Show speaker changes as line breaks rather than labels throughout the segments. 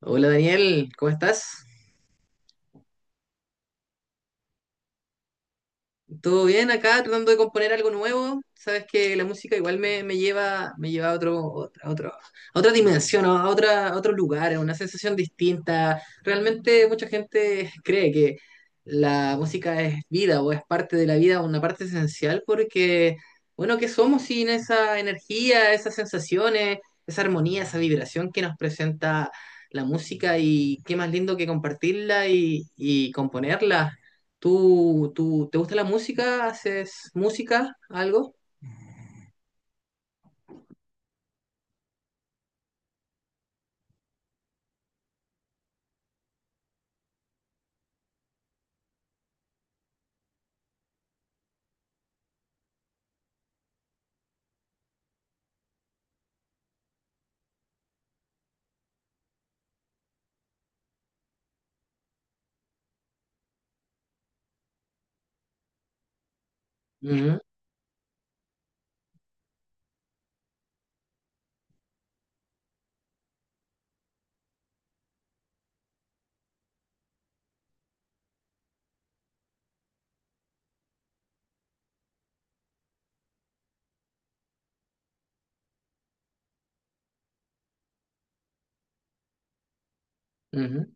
Hola Daniel, ¿cómo estás? ¿Todo bien acá? Tratando de componer algo nuevo. Sabes que la música igual me lleva, me lleva a otra dimensión, ¿no? A otra, a otro lugar, a una sensación distinta. Realmente mucha gente cree que la música es vida o es parte de la vida, una parte esencial, porque, bueno, ¿qué somos sin esa energía, esas sensaciones, esa armonía, esa vibración que nos presenta la música? Y qué más lindo que compartirla y componerla. ¿Tú, te gusta la música? ¿Haces música? ¿Algo? Ujú, ujú.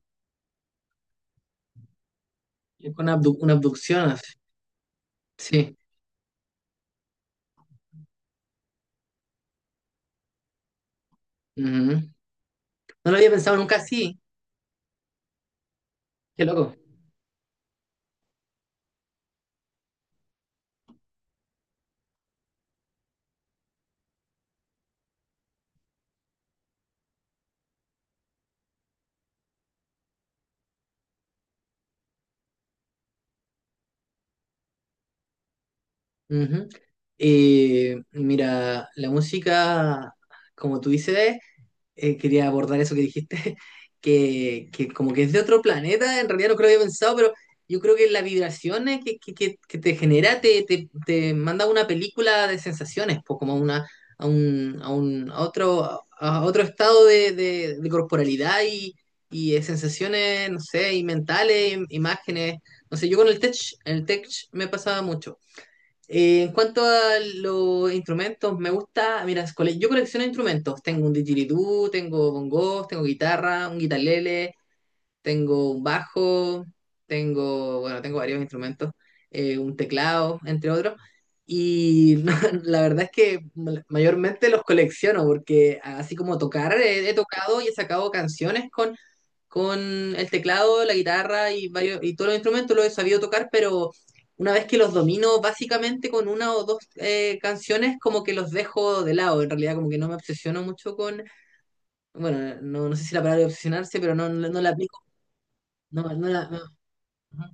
Es con una abducción así. Sí. Ujú. No lo había pensado nunca así. Qué loco. Ujú. Mira, la música, como tú dices, quería abordar eso que dijiste, que como que es de otro planeta, en realidad no creo que había pensado, pero yo creo que las vibraciones que te genera te manda a una película de sensaciones, pues como a una, a otro estado de, de corporalidad y de sensaciones, no sé, y mentales, imágenes. No sé, yo con el tech me pasaba mucho. En cuanto a los instrumentos, me gusta, mira, yo colecciono instrumentos. Tengo un didgeridoo, tengo bongos, tengo guitarra, un guitarlele, tengo un bajo, tengo, bueno, tengo varios instrumentos, un teclado, entre otros. Y no, la verdad es que mayormente los colecciono porque así como tocar, he tocado y he sacado canciones con el teclado, la guitarra y varios, y todos los instrumentos los he sabido tocar, pero una vez que los domino básicamente con una o dos canciones, como que los dejo de lado. En realidad como que no me obsesiono mucho con, bueno, no, no sé si la palabra es obsesionarse, pero no, no la aplico no, no la. No. Ajá.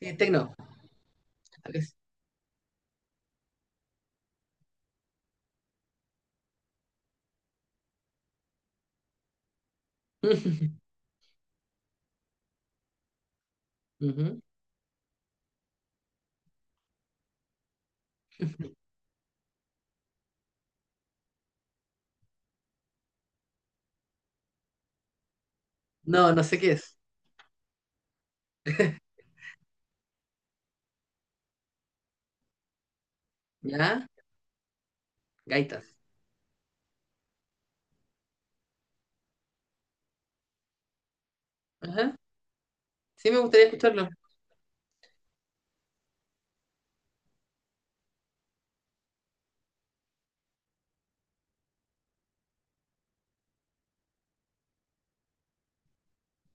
Sí, tecno. Tal vez. Ujú. No, no sé qué es. ¿Ya? Gaitas. Ajá. Sí, me gustaría escucharlo.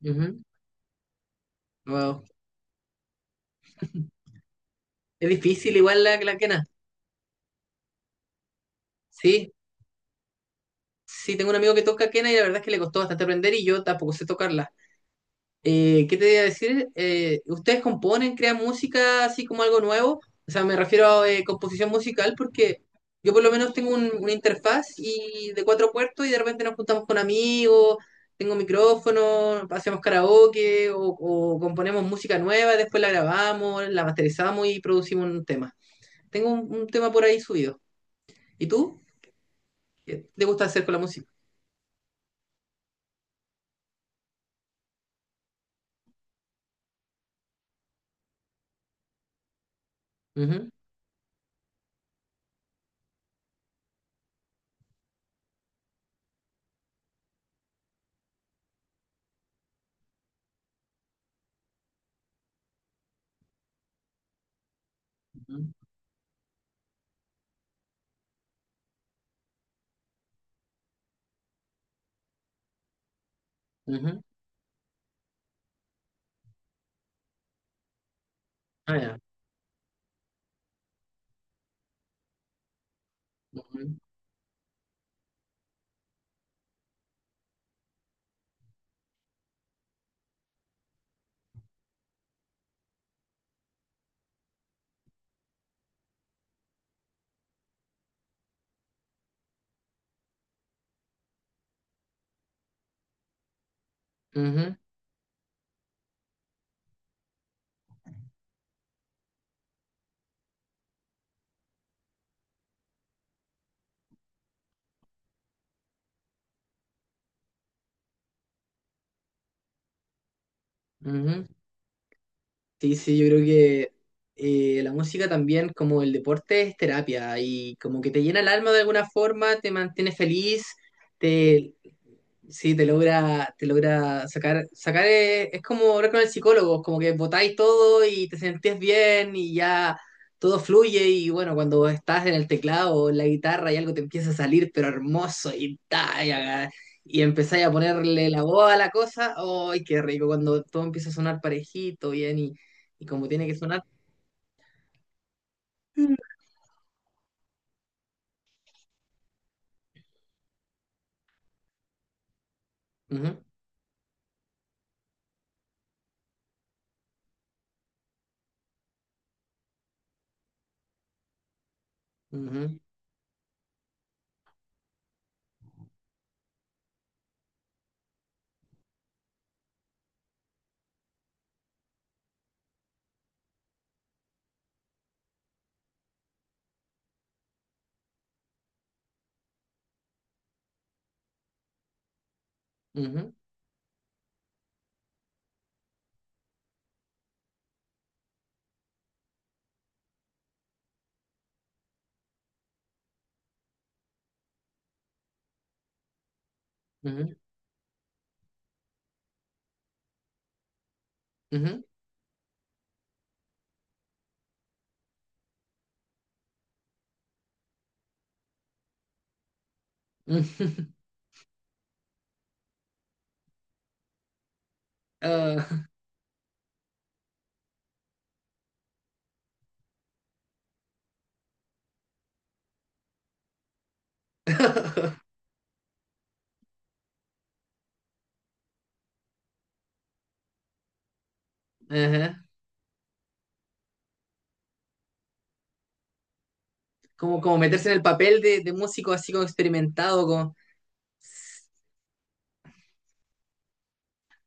Ujú. Wow. Es difícil igual la quena. Sí, sí, tengo un amigo que toca quena y la verdad es que le costó bastante aprender y yo tampoco sé tocarla. ¿Qué te iba a decir? ¿Ustedes componen, crean música así como algo nuevo? O sea, me refiero a composición musical porque yo por lo menos tengo una interfaz y de cuatro puertos y de repente nos juntamos con amigos, tengo micrófono, hacemos karaoke o componemos música nueva, después la grabamos, la masterizamos y producimos un tema. Tengo un tema por ahí subido. ¿Y tú? ¿Qué te gusta hacer con la música? Ujú, ujú, ujú. Ah, ya. Ujú, ujú, ujú. Sí, sí, yo creo que la música también, como el deporte, es terapia y como que te llena el alma de alguna forma, te mantiene feliz, te, sí, te logra sacar, sacar es, como hablar con el psicólogo, como que botáis todo y te sentís bien y ya todo fluye y bueno, cuando estás en el teclado o en la guitarra y algo te empieza a salir pero hermoso y, ta, y, y empezáis a ponerle la voz a la cosa, ¡ay, qué rico! Cuando todo empieza a sonar parejito, bien y como tiene que sonar. Ujú, ujú, ujú, ujú, ujú, ujú. Ah, ajá. Como, como meterse en el papel de músico así como experimentado, como,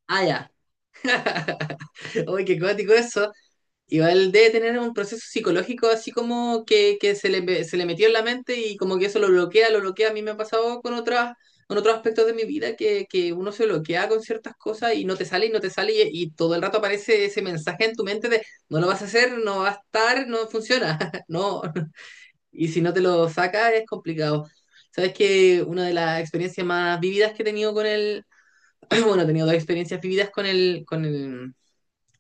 ah, ya. Uy, qué cuático eso. Igual debe tener un proceso psicológico así como que se le metió en la mente y como que eso lo bloquea, lo bloquea. A mí me ha pasado con otras, con otros aspectos de mi vida que uno se bloquea con ciertas cosas y no te sale y no te sale y todo el rato aparece ese mensaje en tu mente de no lo vas a hacer, no va a estar, no funciona, no, y si no te lo sacas, es complicado. Sabes que una de las experiencias más vividas que he tenido con el. Bueno, he tenido dos experiencias vividas con el, con el,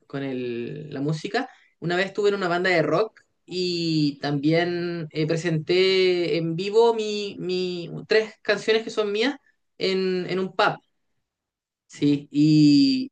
con el, la música. Una vez estuve en una banda de rock y también presenté en vivo tres canciones que son mías en un pub. Sí, y,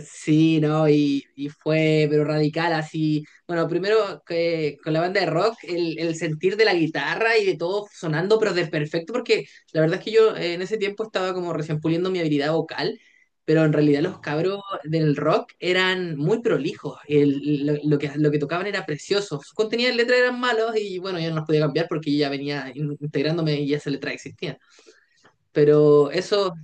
sí, ¿no? Y fue, pero radical, así. Bueno, primero que con la banda de rock, el sentir de la guitarra y de todo sonando, pero de perfecto, porque la verdad es que yo en ese tiempo estaba como recién puliendo mi habilidad vocal, pero en realidad los cabros del rock eran muy prolijos. Lo que, lo que tocaban era precioso. Sus contenidos de letra eran malos y bueno, yo no los podía cambiar porque ya venía integrándome y esa letra existía. Pero eso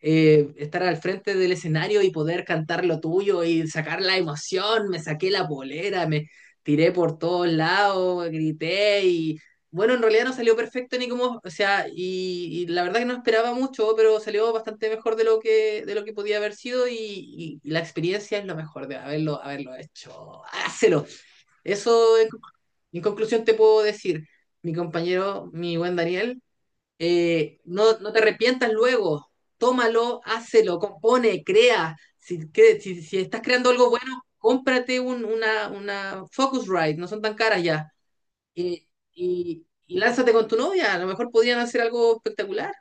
estar al frente del escenario y poder cantar lo tuyo y sacar la emoción, me saqué la polera, me tiré por todos lados, grité y bueno, en realidad no salió perfecto ni como, o sea, y la verdad que no esperaba mucho, pero salió bastante mejor de lo que podía haber sido y, y la experiencia es lo mejor de haberlo, haberlo hecho. Hácelo. Eso en conclusión te puedo decir, mi compañero, mi buen Daniel, no, no te arrepientas luego, tómalo, hácelo, compone, crea. Si, si, si estás creando algo bueno, cómprate un, una Focusrite, no son tan caras ya. Eh, y, y lánzate con tu novia, a lo mejor podrían hacer algo espectacular.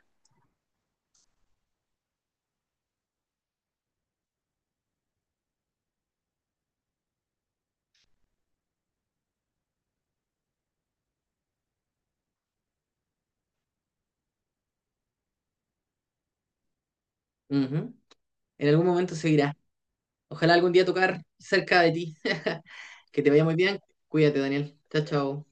Ujú. En algún momento seguirá. Ojalá algún día tocar cerca de ti. Que te vaya muy bien. Cuídate, Daniel. Chao, chao.